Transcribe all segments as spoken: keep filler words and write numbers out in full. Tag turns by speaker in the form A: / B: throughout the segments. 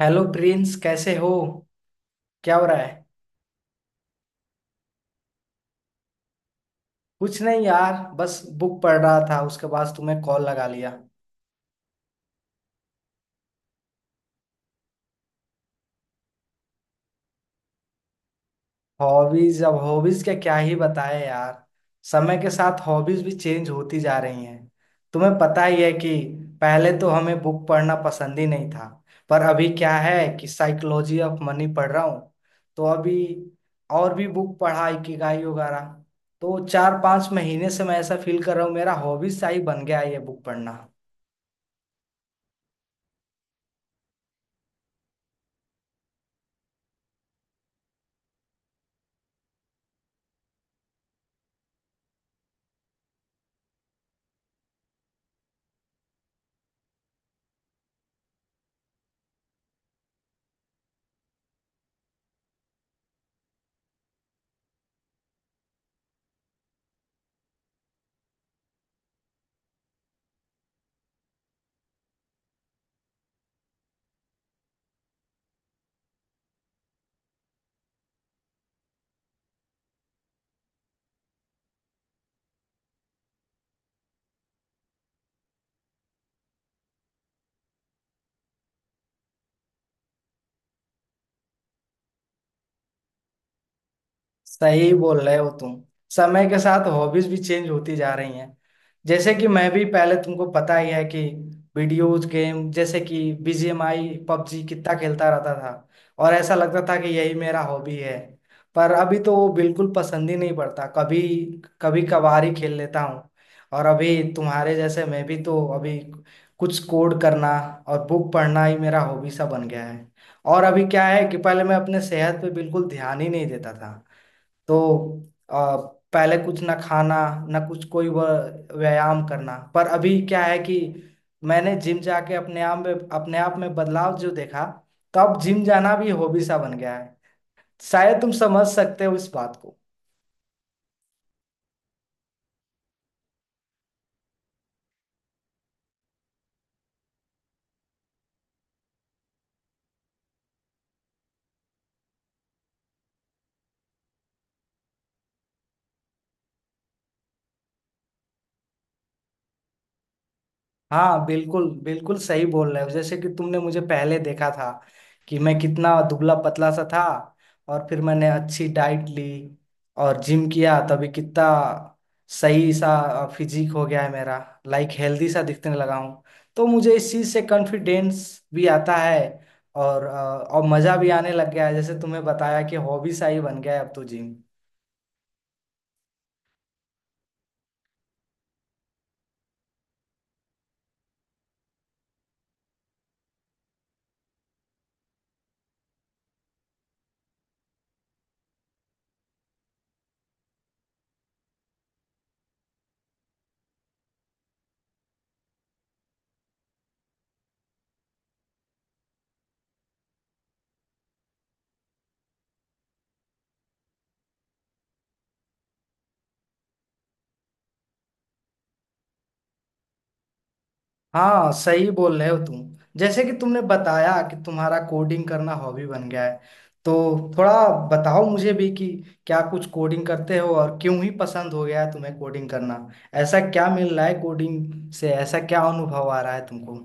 A: Hello Prince, कैसे हो? क्या हो रहा है? कुछ नहीं यार, बस बुक पढ़ रहा था, उसके बाद तुम्हें कॉल लगा लिया। हॉबीज? अब हॉबीज के क्या ही बताए यार। समय के साथ हॉबीज भी चेंज होती जा रही हैं। तुम्हें पता ही है कि पहले तो हमें बुक पढ़ना पसंद ही नहीं था, पर अभी क्या है कि साइकोलॉजी ऑफ मनी पढ़ रहा हूँ। तो अभी और भी बुक पढ़ा, इकिगाई वगैरह। तो चार पांच महीने से मैं ऐसा फील कर रहा हूँ, मेरा हॉबीज सा ही बन गया है ये बुक पढ़ना। सही बोल रहे हो तुम। समय के साथ हॉबीज भी चेंज होती जा रही हैं। जैसे कि मैं भी पहले, तुमको पता ही है कि वीडियोज गेम जैसे कि बीजीएमआई, पबजी कितना खेलता रहता था, और ऐसा लगता था कि यही मेरा हॉबी है। पर अभी तो वो बिल्कुल पसंद ही नहीं पड़ता, कभी कभी कभार ही खेल लेता हूँ। और अभी तुम्हारे जैसे मैं भी तो अभी कुछ कोड करना और बुक पढ़ना ही मेरा हॉबी सा बन गया है। और अभी क्या है कि पहले मैं अपने सेहत पे बिल्कुल ध्यान ही नहीं देता था। तो आ, पहले कुछ ना खाना, ना कुछ कोई व- व्यायाम करना। पर अभी क्या है कि मैंने जिम जाके अपने आप में अपने आप में बदलाव जो देखा, तो अब जिम जाना भी हॉबी सा बन गया है। शायद तुम समझ सकते हो इस बात को। हाँ, बिल्कुल बिल्कुल सही बोल रहे हो। जैसे कि तुमने मुझे पहले देखा था कि मैं कितना दुबला पतला सा था, और फिर मैंने अच्छी डाइट ली और जिम किया, तभी कितना सही सा फिजिक हो गया है मेरा। लाइक हेल्दी सा दिखने लगा हूँ। तो मुझे इस चीज़ से कॉन्फिडेंस भी आता है। और अ, और मज़ा भी आने लग गया है। जैसे तुम्हें बताया कि हॉबी सा ही बन गया है अब तो जिम। हाँ, सही बोल रहे हो तुम। जैसे कि तुमने बताया कि तुम्हारा कोडिंग करना हॉबी बन गया है, तो थोड़ा बताओ मुझे भी कि क्या कुछ कोडिंग करते हो, और क्यों ही पसंद हो गया है तुम्हें कोडिंग करना? ऐसा क्या मिल रहा है कोडिंग से, ऐसा क्या अनुभव आ रहा है तुमको?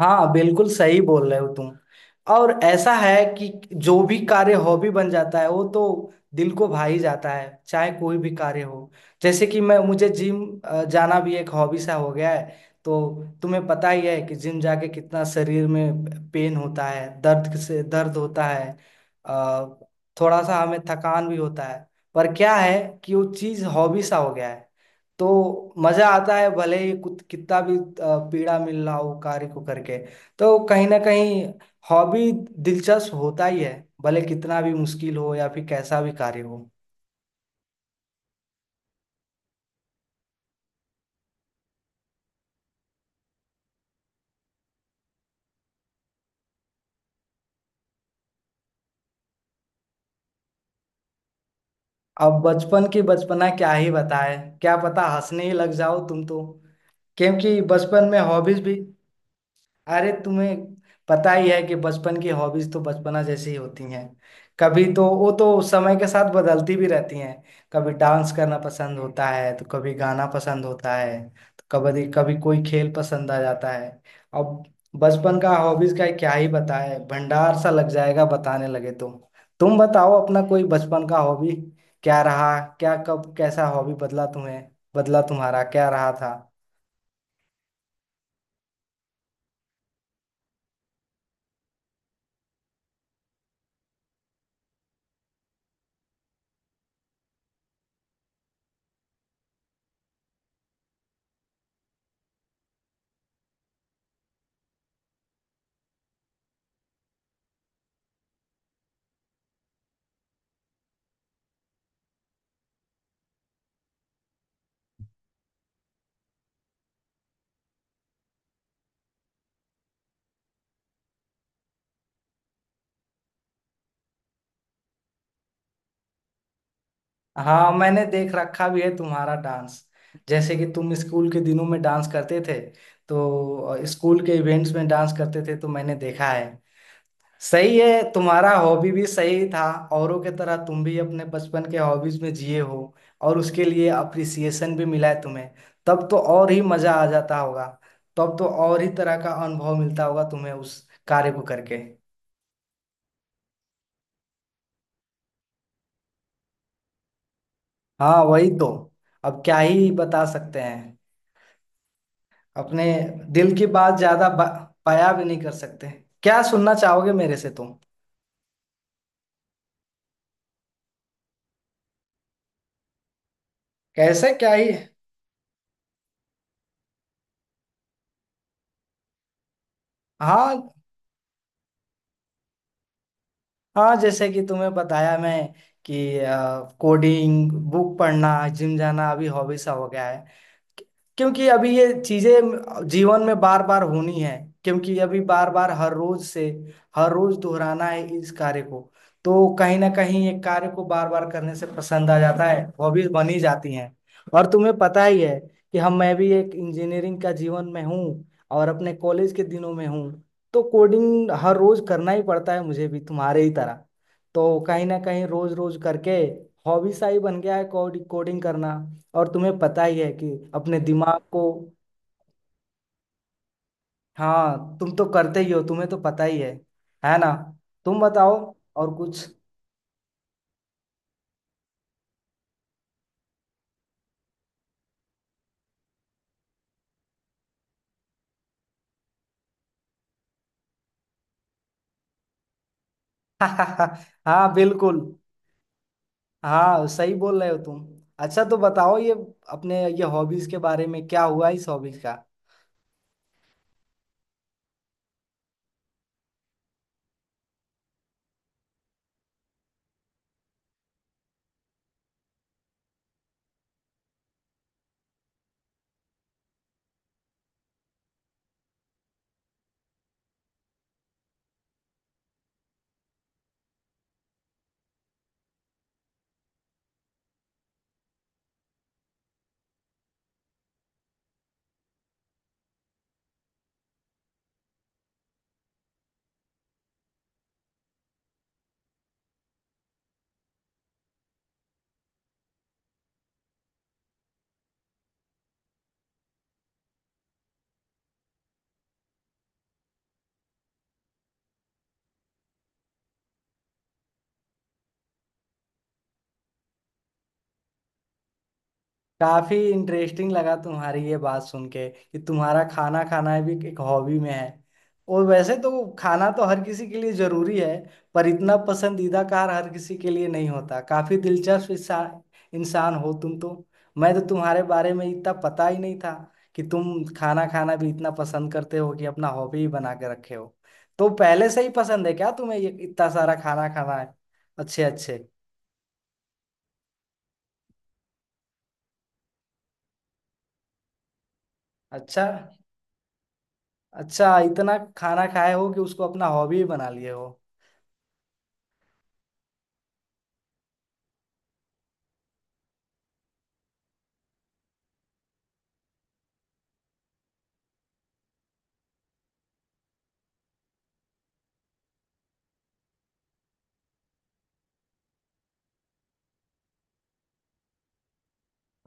A: हाँ, बिल्कुल सही बोल रहे हो तुम। और ऐसा है कि जो भी कार्य हॉबी बन जाता है, वो तो दिल को भा ही जाता है, चाहे कोई भी कार्य हो। जैसे कि मैं, मुझे जिम अ, जाना भी एक हॉबी सा हो गया है। तो तुम्हें पता ही है कि जिम जाके कितना शरीर में पेन होता है, दर्द से दर्द होता है। अ, थोड़ा सा हमें थकान भी होता है। पर क्या है कि वो चीज़ हॉबी सा हो गया है, तो मजा आता है, भले ही कुत- कितना भी अ, पीड़ा मिल रहा हो कार्य को करके। तो कहीं ना कहीं हॉबी दिलचस्प होता ही है, भले कितना भी मुश्किल हो या फिर कैसा भी कार्य हो। अब बचपन की बचपना क्या ही बताए, क्या पता हंसने ही लग जाओ तुम तो। क्योंकि बचपन में हॉबीज भी, अरे तुम्हें पता ही है कि बचपन की हॉबीज तो बचपना जैसी ही होती हैं। कभी तो वो तो समय के साथ बदलती भी रहती हैं। कभी डांस करना पसंद होता है, तो कभी गाना पसंद होता है, तो कभी कभी कोई खेल पसंद आ जाता है। अब बचपन का हॉबीज का क्या ही बताए, भंडार सा लग जाएगा बताने लगे तो। तुम बताओ अपना कोई बचपन का हॉबी क्या रहा, क्या कब कैसा हॉबी बदला तुम्हें, बदला तुम्हारा क्या रहा था? हाँ, मैंने देख रखा भी है तुम्हारा डांस। जैसे कि तुम स्कूल के दिनों में डांस करते थे, तो अ, स्कूल के इवेंट्स में डांस करते थे तो मैंने देखा है। सही है, तुम्हारा हॉबी भी सही था। औरों के तरह तुम भी अपने बचपन के हॉबीज में जिए हो, और उसके लिए अप्रिसिएशन भी मिला है तुम्हें। तब तो और ही मजा आ जाता होगा, तब तो और ही तरह का अनुभव मिलता होगा तुम्हें उस कार्य को करके। हाँ, वही तो। अब क्या ही बता सकते हैं। अपने दिल की बात ज्यादा बा, बयां भी नहीं कर सकते। क्या सुनना चाहोगे मेरे से तुम? कैसे क्या ही। हाँ, हाँ, जैसे कि तुम्हें बताया मैं कि कोडिंग, बुक पढ़ना, जिम जाना अभी हॉबी सा हो गया है। क्योंकि अभी ये चीजें जीवन में बार बार होनी है, क्योंकि अभी बार बार हर रोज से हर रोज दोहराना है इस कार्य को। तो कहीं ना कहीं ये कार्य को बार बार करने से पसंद आ जाता है, हॉबीज बनी जाती हैं। और तुम्हें पता ही है कि हम मैं भी एक इंजीनियरिंग का जीवन में हूँ, और अपने कॉलेज के दिनों में हूँ। तो कोडिंग हर रोज करना ही पड़ता है मुझे भी तुम्हारे ही तरह। तो कहीं ना कहीं रोज रोज करके हॉबी सा ही बन गया है कोडिंग कोडिंग करना। और तुम्हें पता ही है कि अपने दिमाग को। हाँ, तुम तो करते ही हो, तुम्हें तो पता ही है है ना? तुम बताओ और कुछ। हाँ, बिल्कुल। हाँ, सही बोल रहे हो तुम। अच्छा, तो बताओ ये, अपने ये हॉबीज के बारे में क्या हुआ इस हॉबीज का? काफी इंटरेस्टिंग लगा तुम्हारी ये बात सुन के कि तुम्हारा खाना खाना भी एक हॉबी में है। और वैसे तो खाना तो हर किसी के लिए जरूरी है, पर इतना पसंदीदा कार हर किसी के लिए नहीं होता। काफी दिलचस्प इंसान इंसान हो तुम तो। मैं तो तुम्हारे बारे में इतना पता ही नहीं था कि तुम खाना खाना भी इतना पसंद करते हो कि अपना हॉबी ही बना के रखे हो। तो पहले से ही पसंद है क्या तुम्हें ये इतना सारा खाना खाना है? अच्छे अच्छे। अच्छा, अच्छा इतना खाना खाए हो कि उसको अपना हॉबी ही बना लिए हो।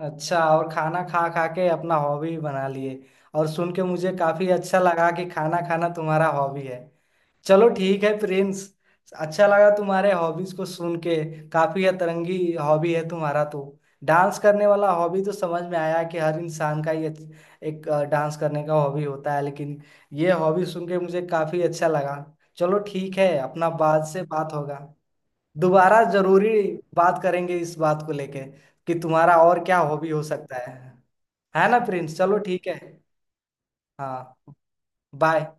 A: अच्छा, और खाना खा खा के अपना हॉबी बना लिए। और सुन के मुझे काफी अच्छा लगा कि खाना खाना तुम्हारा हॉबी है। चलो ठीक है प्रिंस, अच्छा लगा तुम्हारे हॉबीज को सुन के। काफी अतरंगी हॉबी है तुम्हारा तो। डांस करने वाला हॉबी तो समझ में आया कि हर इंसान का ये एक अ, डांस करने का हॉबी होता है, लेकिन ये हॉबी सुन के मुझे काफी अच्छा लगा। चलो ठीक है, अपना बाद से बात होगा, दोबारा जरूरी बात करेंगे इस बात को लेके कि तुम्हारा और क्या हॉबी हो सकता है। है ना प्रिंस? चलो ठीक है। हाँ, बाय।